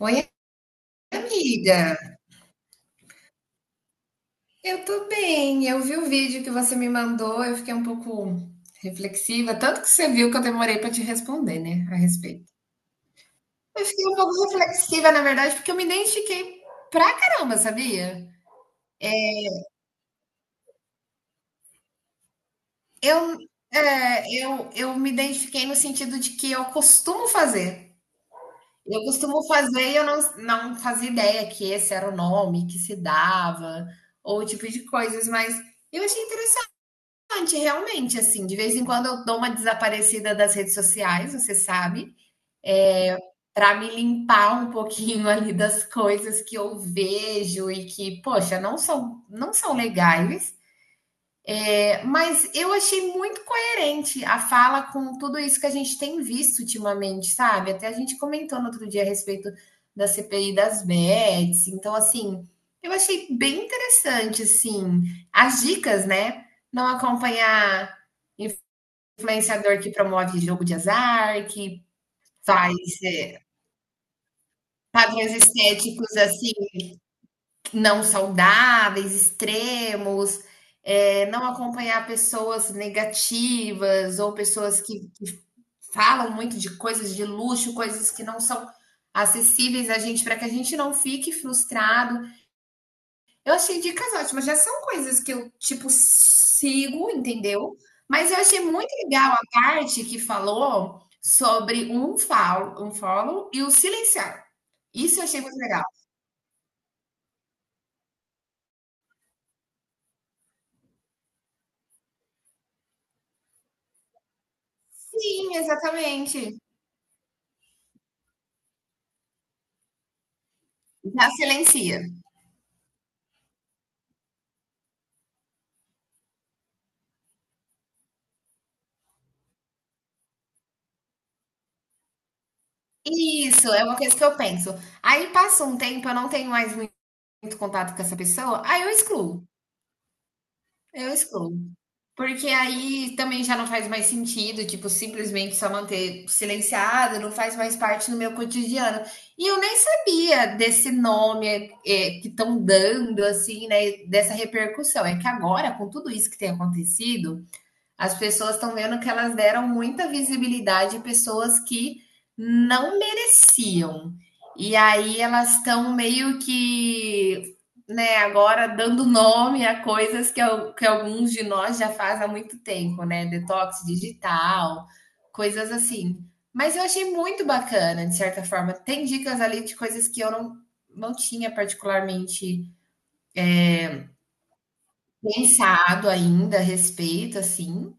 Oi, amiga. Eu tô bem. Eu vi o vídeo que você me mandou, eu fiquei um pouco reflexiva, tanto que você viu que eu demorei para te responder, né, a respeito. Eu fiquei um pouco reflexiva, na verdade, porque eu me identifiquei pra caramba, sabia? Eu, eu me identifiquei no sentido de que eu costumo fazer. Eu costumo fazer e eu não fazia ideia que esse era o nome que se dava, ou o tipo de coisas, mas eu achei realmente, assim, de vez em quando eu dou uma desaparecida das redes sociais, você sabe, eh, pra me limpar um pouquinho ali das coisas que eu vejo e que, poxa, não são legais, mas eu achei muito coerente a fala com tudo isso que a gente tem visto ultimamente, sabe. Até a gente comentou no outro dia a respeito da CPI das Bets, então, assim, eu achei bem interessante, assim, as dicas, né, não acompanhar influenciador que promove jogo de azar, que faz é, padrões estéticos assim não saudáveis, extremos, não acompanhar pessoas negativas ou pessoas que falam muito de coisas de luxo, coisas que não são acessíveis a gente, para que a gente não fique frustrado. Eu achei dicas ótimas, já são coisas que eu, tipo, sigo, entendeu. Mas eu achei muito legal a parte que falou sobre um follow e o silenciar. Isso eu achei muito legal. Sim, exatamente. Já silencia. Isso, é uma coisa que eu penso. Aí passa um tempo, eu não tenho mais muito contato com essa pessoa, aí eu excluo, eu excluo. Porque aí também já não faz mais sentido, tipo, simplesmente só manter silenciado, não faz mais parte do meu cotidiano. E eu nem sabia desse nome que estão dando, assim, né, dessa repercussão. É que agora, com tudo isso que tem acontecido, as pessoas estão vendo que elas deram muita visibilidade a pessoas que não mereciam. E aí elas estão meio que, né, agora dando nome a coisas que alguns de nós já faz há muito tempo, né? Detox digital, coisas assim. Mas eu achei muito bacana, de certa forma. Tem dicas ali de coisas que eu não tinha particularmente pensado ainda a respeito, assim,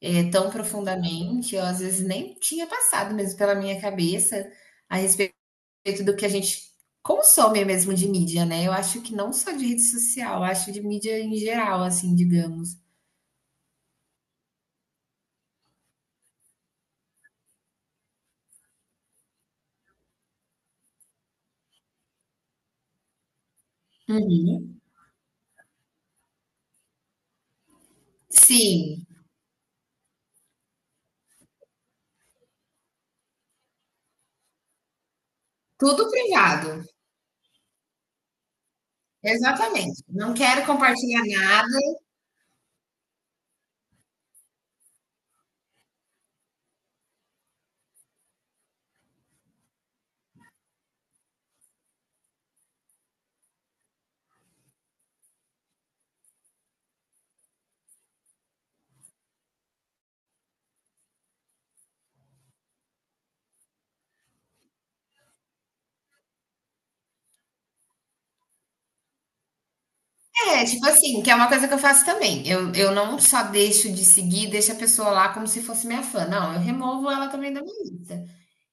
tão profundamente, eu às vezes nem tinha passado mesmo pela minha cabeça a respeito do que a gente consome mesmo de mídia, né? Eu acho que não só de rede social, eu acho de mídia em geral, assim, digamos. Uhum. Sim, tudo privado. Exatamente. Não quero compartilhar nada. É, tipo assim, que é uma coisa que eu faço também. Eu não só deixo de seguir, deixo a pessoa lá como se fosse minha fã. Não, eu removo ela também da minha lista.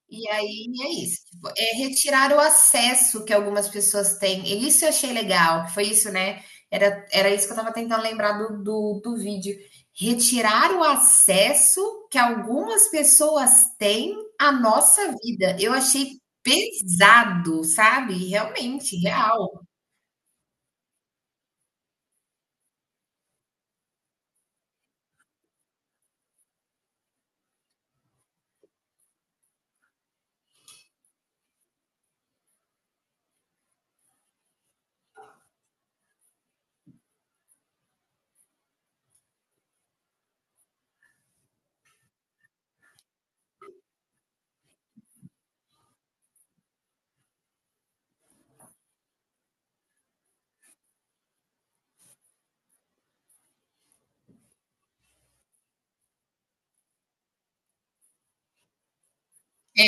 E aí é isso, tipo, é retirar o acesso que algumas pessoas têm. E isso eu achei legal, que foi isso, né? Era isso que eu estava tentando lembrar do vídeo. Retirar o acesso que algumas pessoas têm à nossa vida. Eu achei pesado, sabe? Realmente, real.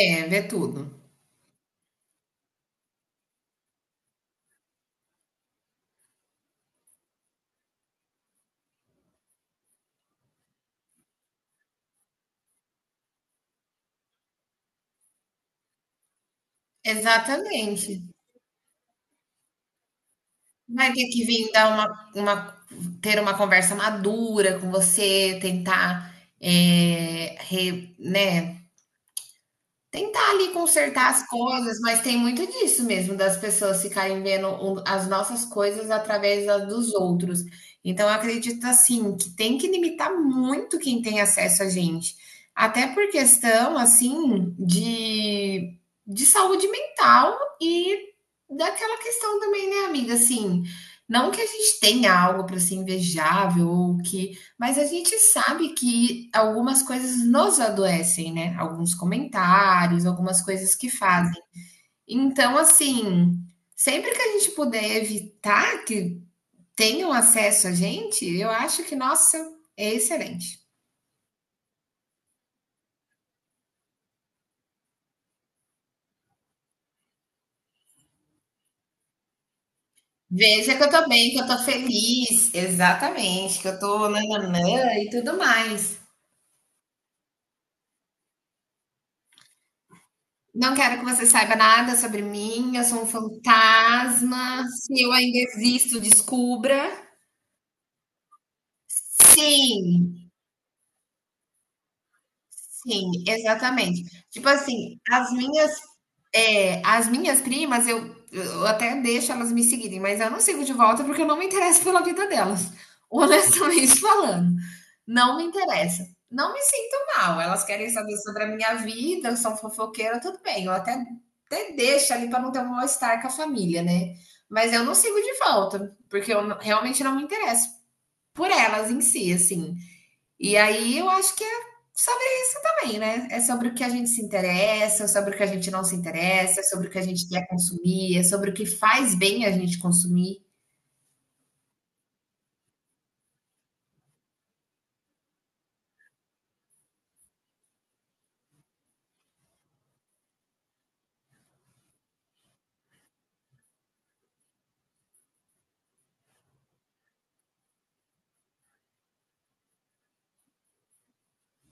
É, vê tudo. Exatamente. Vai ter que vir dar uma ter uma conversa madura com você, tentar, eh, re né, tentar ali consertar as coisas, mas tem muito disso mesmo, das pessoas ficarem vendo o as nossas coisas através das dos outros. Então eu acredito, assim, que tem que limitar muito quem tem acesso a gente, até por questão, assim, de saúde mental e daquela questão também, né, amiga, assim, não que a gente tenha algo para ser invejável ou que, mas a gente sabe que algumas coisas nos adoecem, né? Alguns comentários, algumas coisas que fazem. Então, assim, sempre que a gente puder evitar que tenham acesso a gente, eu acho que, nossa, é excelente. Veja que eu tô bem, que eu tô feliz, exatamente, que eu tô nananã e tudo mais. Não quero que você saiba nada sobre mim, eu sou um fantasma. Se eu ainda existo, descubra. Sim, sim, exatamente. Tipo assim, as minhas, as minhas primas, eu até deixo elas me seguirem, mas eu não sigo de volta porque eu não me interesso pela vida delas, honestamente falando. Não me interessa. Não me sinto mal. Elas querem saber sobre a minha vida, são fofoqueiras, tudo bem. Eu até, até deixo ali para não ter um mal-estar com a família, né? Mas eu não sigo de volta, porque eu não- realmente não me interesso por elas em si, assim. E aí eu acho que é sobre isso também, né? É sobre o que a gente se interessa, é sobre o que a gente não se interessa, é sobre o que a gente quer consumir, é sobre o que faz bem a gente consumir.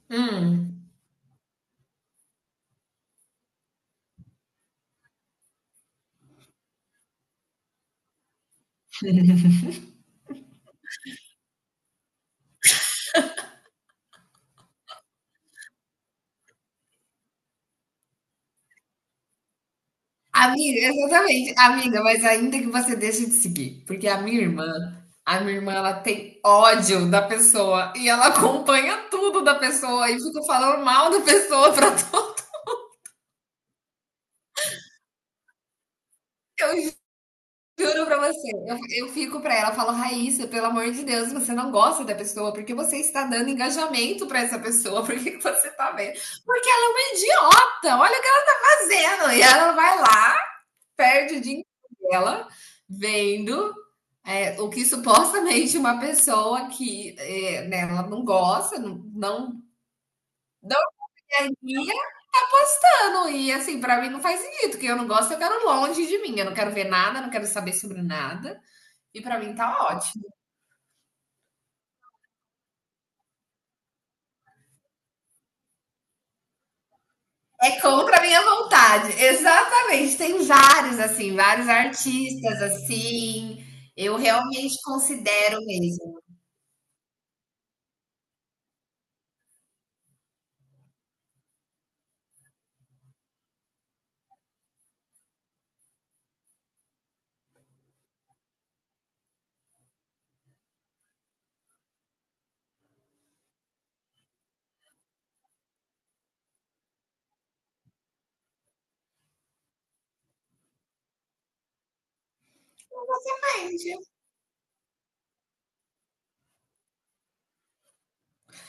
Hum. Amiga, exatamente, amiga, mas ainda que você deixe de seguir, porque a minha irmã, ela tem ódio da pessoa e ela acompanha tudo da pessoa e fica falando mal da pessoa pra todo. Eu Juro pra você, eu fico pra ela, eu falo, Raíssa, pelo amor de Deus, você não gosta da pessoa, porque você está dando engajamento pra essa pessoa, por que que você tá vendo? Porque ela é uma idiota, olha o que ela tá fazendo. E ela vai lá, perde o dia inteiro dela, vendo o que supostamente uma pessoa que é, né, ela não gosta, não queria, tá postando. E assim, pra mim não faz sentido, que eu não gosto, eu quero longe de mim, eu não quero ver nada, não quero saber sobre nada. E para mim tá ótimo. É contra a minha vontade. Exatamente. Tem vários, assim, vários artistas, assim. Eu realmente considero mesmo. Entende?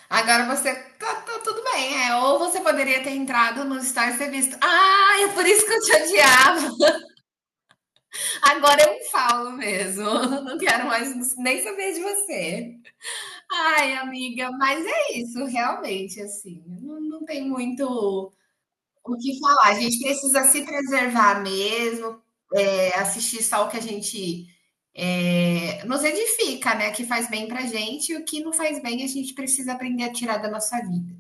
Agora você tá tudo bem, é. Ou você poderia ter entrado no Stories e ter visto. Ah, é por isso que eu te odiava. Agora eu falo mesmo. Não quero mais nem saber de você. Ai, amiga, mas é isso, realmente, assim. Não, não tem muito o que falar? A gente precisa se preservar mesmo, é, assistir só o que a gente nos edifica, né? Que faz bem pra gente e o que não faz bem a gente precisa aprender a tirar da nossa vida.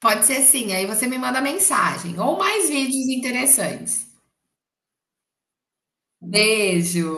Pode ser sim, aí você me manda mensagem ou mais vídeos interessantes. Beijo!